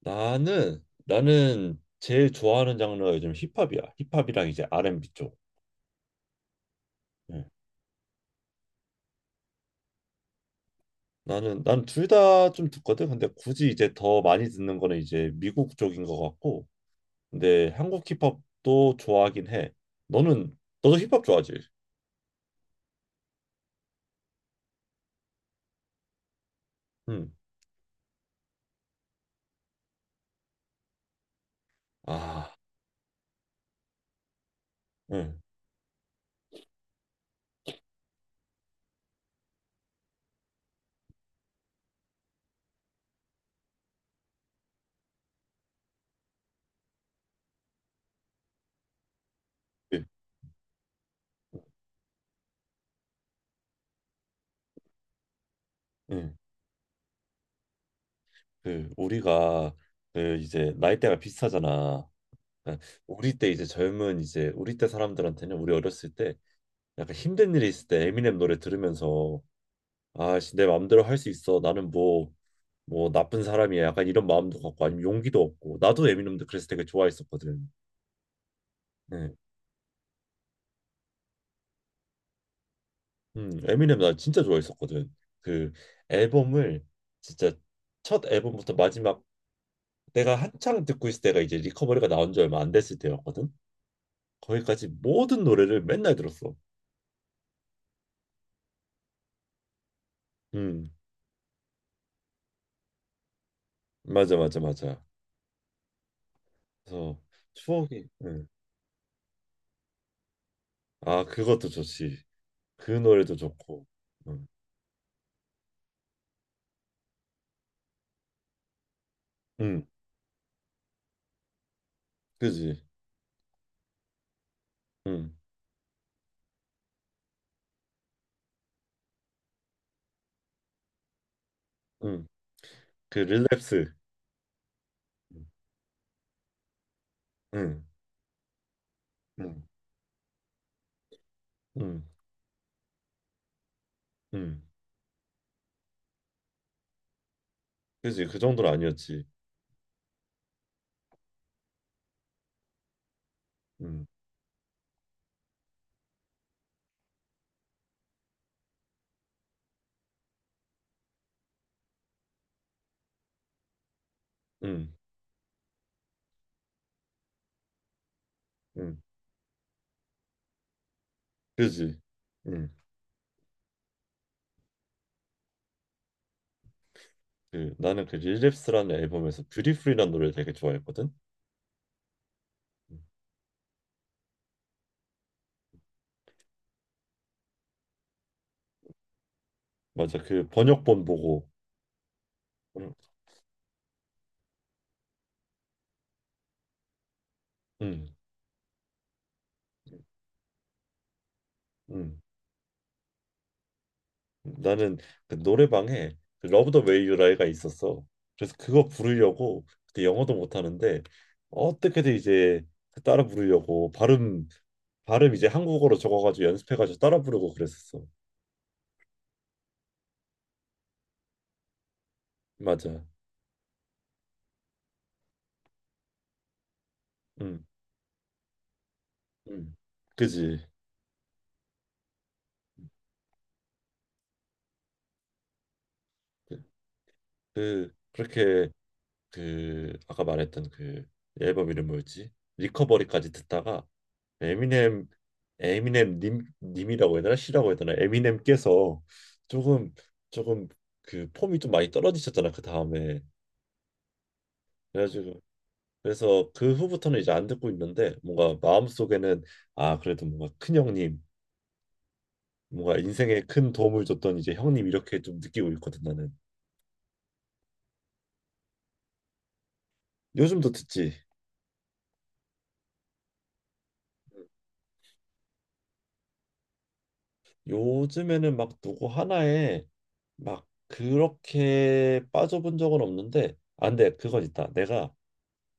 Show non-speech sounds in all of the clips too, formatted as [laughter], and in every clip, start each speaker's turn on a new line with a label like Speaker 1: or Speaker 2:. Speaker 1: 나는 제일 좋아하는 장르가 요즘 힙합이야. 힙합이랑 이제 R&B 쪽. 응. 나는 난 둘 다 좀 듣거든. 근데 굳이 이제 더 많이 듣는 거는 이제 미국 쪽인 것 같고. 근데 한국 힙합도 좋아하긴 해. 너는 너도 힙합 좋아하지? 응. 아, 응, 그, 응, 그 우리가 그 이제 나이대가 비슷하잖아. 그러니까 우리 때 이제 젊은 이제 우리 때 사람들한테는 우리 어렸을 때 약간 힘든 일이 있을 때 에미넴 노래 들으면서 아씨 내 마음대로 할 수 있어. 나는 뭐 나쁜 사람이야, 약간 이런 마음도 갖고, 아니면 용기도 없고 나도, 에미넴도 그래서 되게 좋아했었거든. 네. 에미넴 나 진짜 좋아했었거든. 그 앨범을 진짜 첫 앨범부터 마지막, 내가 한창 듣고 있을 때가 이제 리커버리가 나온 지 얼마 안 됐을 때였거든. 거기까지 모든 노래를 맨날 들었어. 음, 맞아, 맞아, 맞아. 그래서 추억이. 아, 그것도 좋지. 그 노래도 좋고. 음. 음, 그지. 음, 음. 그 릴랩스. 응, 응, 응, 응. 그지, 그 정도는 아니었지. 응, 응, 응. 그지. 응. 그, 나는 그 릴랩스라는 앨범에서 뷰티풀이라는 노래를 되게 좋아했거든. 응. 맞아, 그 번역본 보고. 응, 응, 응. 나는 그 노래방에 그 러브 더 웨이 유 라이가 있었어. 그래서 그거 부르려고 그때 영어도 못하는데, 어떻게든 이제 그 따라 부르려고 발음 이제 한국어로 적어가지고 연습해가지고 따라 부르고 그랬었어. 맞아. 음, 음. 그지. 그, 그렇게, 그 아까 말했던 그 앨범 이름 뭐였지? 리커버리까지 듣다가, 에미넴 에미넴 님 님이라고 해야 되나? 씨라고 해야 되나? 에미넴께서 조금 조금 그 폼이 좀 많이 떨어지셨잖아 그 다음에. 그래가지고 그래서 그 후부터는 이제 안 듣고 있는데, 뭔가 마음속에는 아, 그래도 뭔가 큰 형님, 뭔가 인생에 큰 도움을 줬던 이제 형님, 이렇게 좀 느끼고 있거든, 나는. 요즘도 듣지. 요즘에는 막 누구 하나에 막 그렇게 빠져본 적은 없는데, 안 돼. 그건 있다. 내가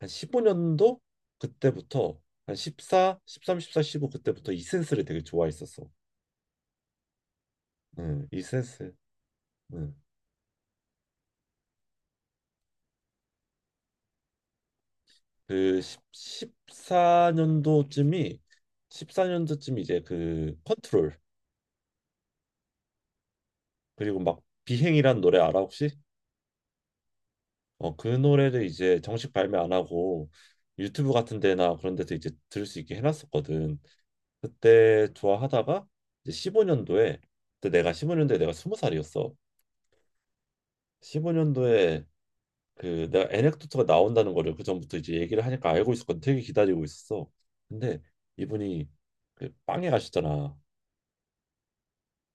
Speaker 1: 한 15년도, 그때부터, 한 14, 13, 14, 15 그때부터 이센스를 되게 좋아했었어. 응, 이센스. 응. 그 10, 4년도쯤이, 14년도쯤 이제 그 컨트롤, 그리고 막 비행이란 노래 알아 혹시? 어, 그 노래를 이제 정식 발매 안 하고 유튜브 같은 데나 그런 데서 이제 들을 수 있게 해놨었거든. 그때 좋아하다가 이제 15년도에, 그때 내가 15년도에 내가 20살이었어, 15년도에. 그 내가 에넥도트가 나온다는 거를 그 전부터 이제 얘기를 하니까 알고 있었거든. 되게 기다리고 있었어. 근데 이분이 그 빵에 가셨잖아.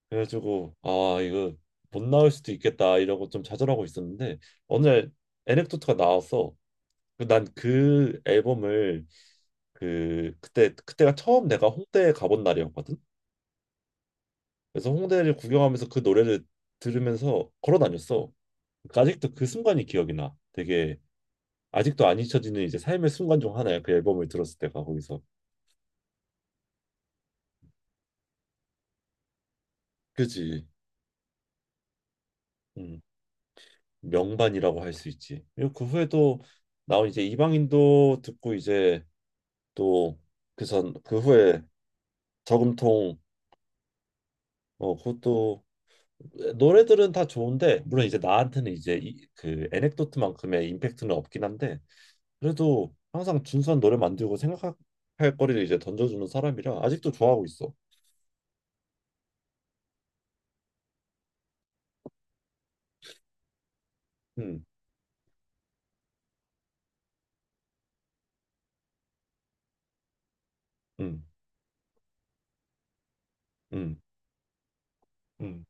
Speaker 1: 그래가지고 아, 이거 못 나올 수도 있겠다 이러고 좀 좌절하고 있었는데 어느 날 에넥도트가 나왔어. 난 그 앨범을, 그 그때가 처음 내가 홍대에 가본 날이었거든. 그래서 홍대를 구경하면서 그 노래를 들으면서 걸어 다녔어. 그러니까 아직도 그 순간이 기억이 나. 되게, 아직도 안 잊혀지는 이제 삶의 순간 중 하나야, 그 앨범을 들었을 때가 거기서. 그지? 음, 명반이라고 할 수 있지. 그리고 그 후에 또 나온 이제 이방인도 듣고 이제 또, 그선 그 후에 저금통. 어, 그것도 노래들은 다 좋은데, 물론 이제 나한테는 이제 그 에넥도트만큼의 임팩트는 없긴 한데, 그래도 항상 준수한 노래 만들고 생각할 거리를 이제 던져주는 사람이라 아직도 좋아하고 있어. 음, 음, 음, 음.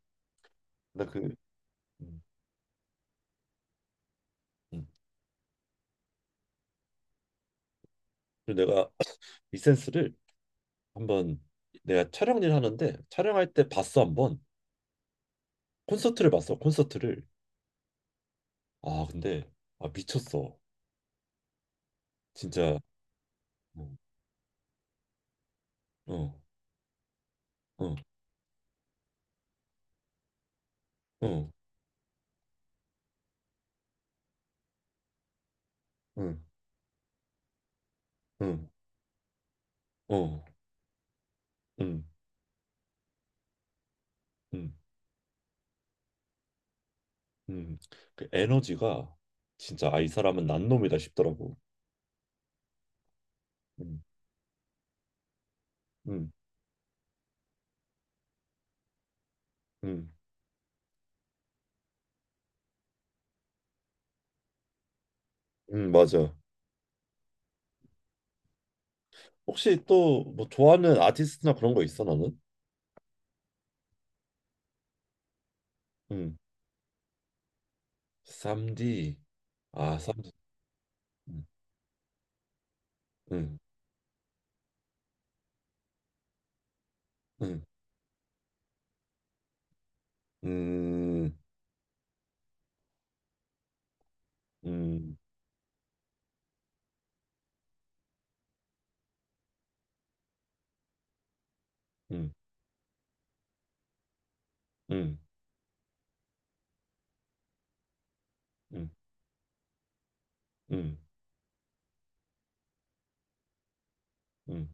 Speaker 1: 나 그, 음, 음. 그리고 내가 [clears throat] 이센스를 한번, 내가 촬영 일 하는데 촬영할 때 봤어, 한번. 콘서트를 봤어, 콘서트를. 아 근데, 아, 미쳤어 진짜. 어, 어, 어, 어, 응, 응, 어, 응, 응, 응. 그 에너지가 진짜, 아, 이 사람은 난놈이다 싶더라고. 응, 응, 응. 맞아. 혹시 또 뭐 좋아하는 아티스트나 그런 거 있어, 너는? 음, 3디. 아, 3디. 음, 음, 음, 음, 음, 음, 음, 음, 음, 음,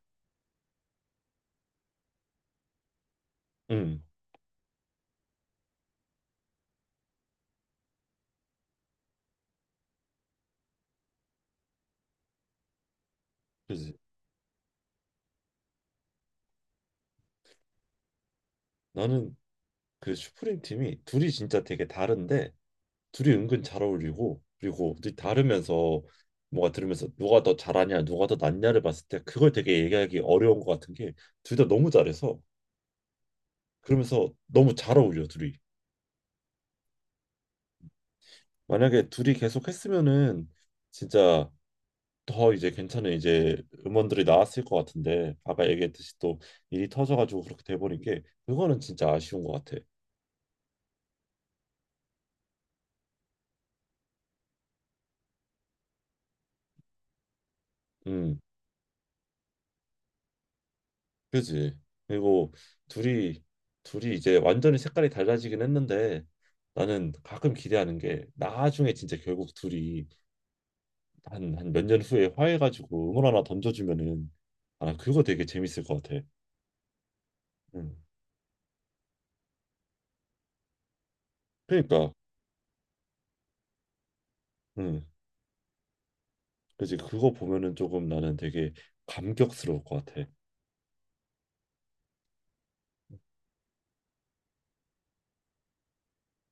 Speaker 1: 음. 그지. 나는 그 슈프림 팀이 둘이 진짜 되게 다른데, 둘이 은근 잘 어울리고, 그리고 둘이 다르면서, 뭐가 들으면서 누가 더 잘하냐 누가 더 낫냐를 봤을 때, 그걸 되게 얘기하기 어려운 것 같은 게 둘 다 너무 잘해서. 그러면서 너무 잘 어울려 둘이. 만약에 둘이 계속 했으면은 진짜 더 이제 괜찮은 이제 음원들이 나왔을 것 같은데, 아까 얘기했듯이 또 일이 터져가지고 그렇게 돼버린 게, 그거는 진짜 아쉬운 것 같아. 음, 그지. 그리고 둘이 이제 완전히 색깔이 달라지긴 했는데, 나는 가끔 기대하는 게, 나중에 진짜 결국 둘이 한 한 몇 년 후에 화해가지고 음원 하나 던져주면은 아 그거 되게 재밌을 것 같아. 음, 그러니까. 음. 그지, 그거 보면은 조금 나는 되게 감격스러울 것 같아.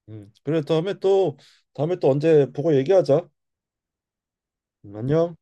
Speaker 1: 음. 그래, 다음에 또 언제 보고 얘기하자. 안녕.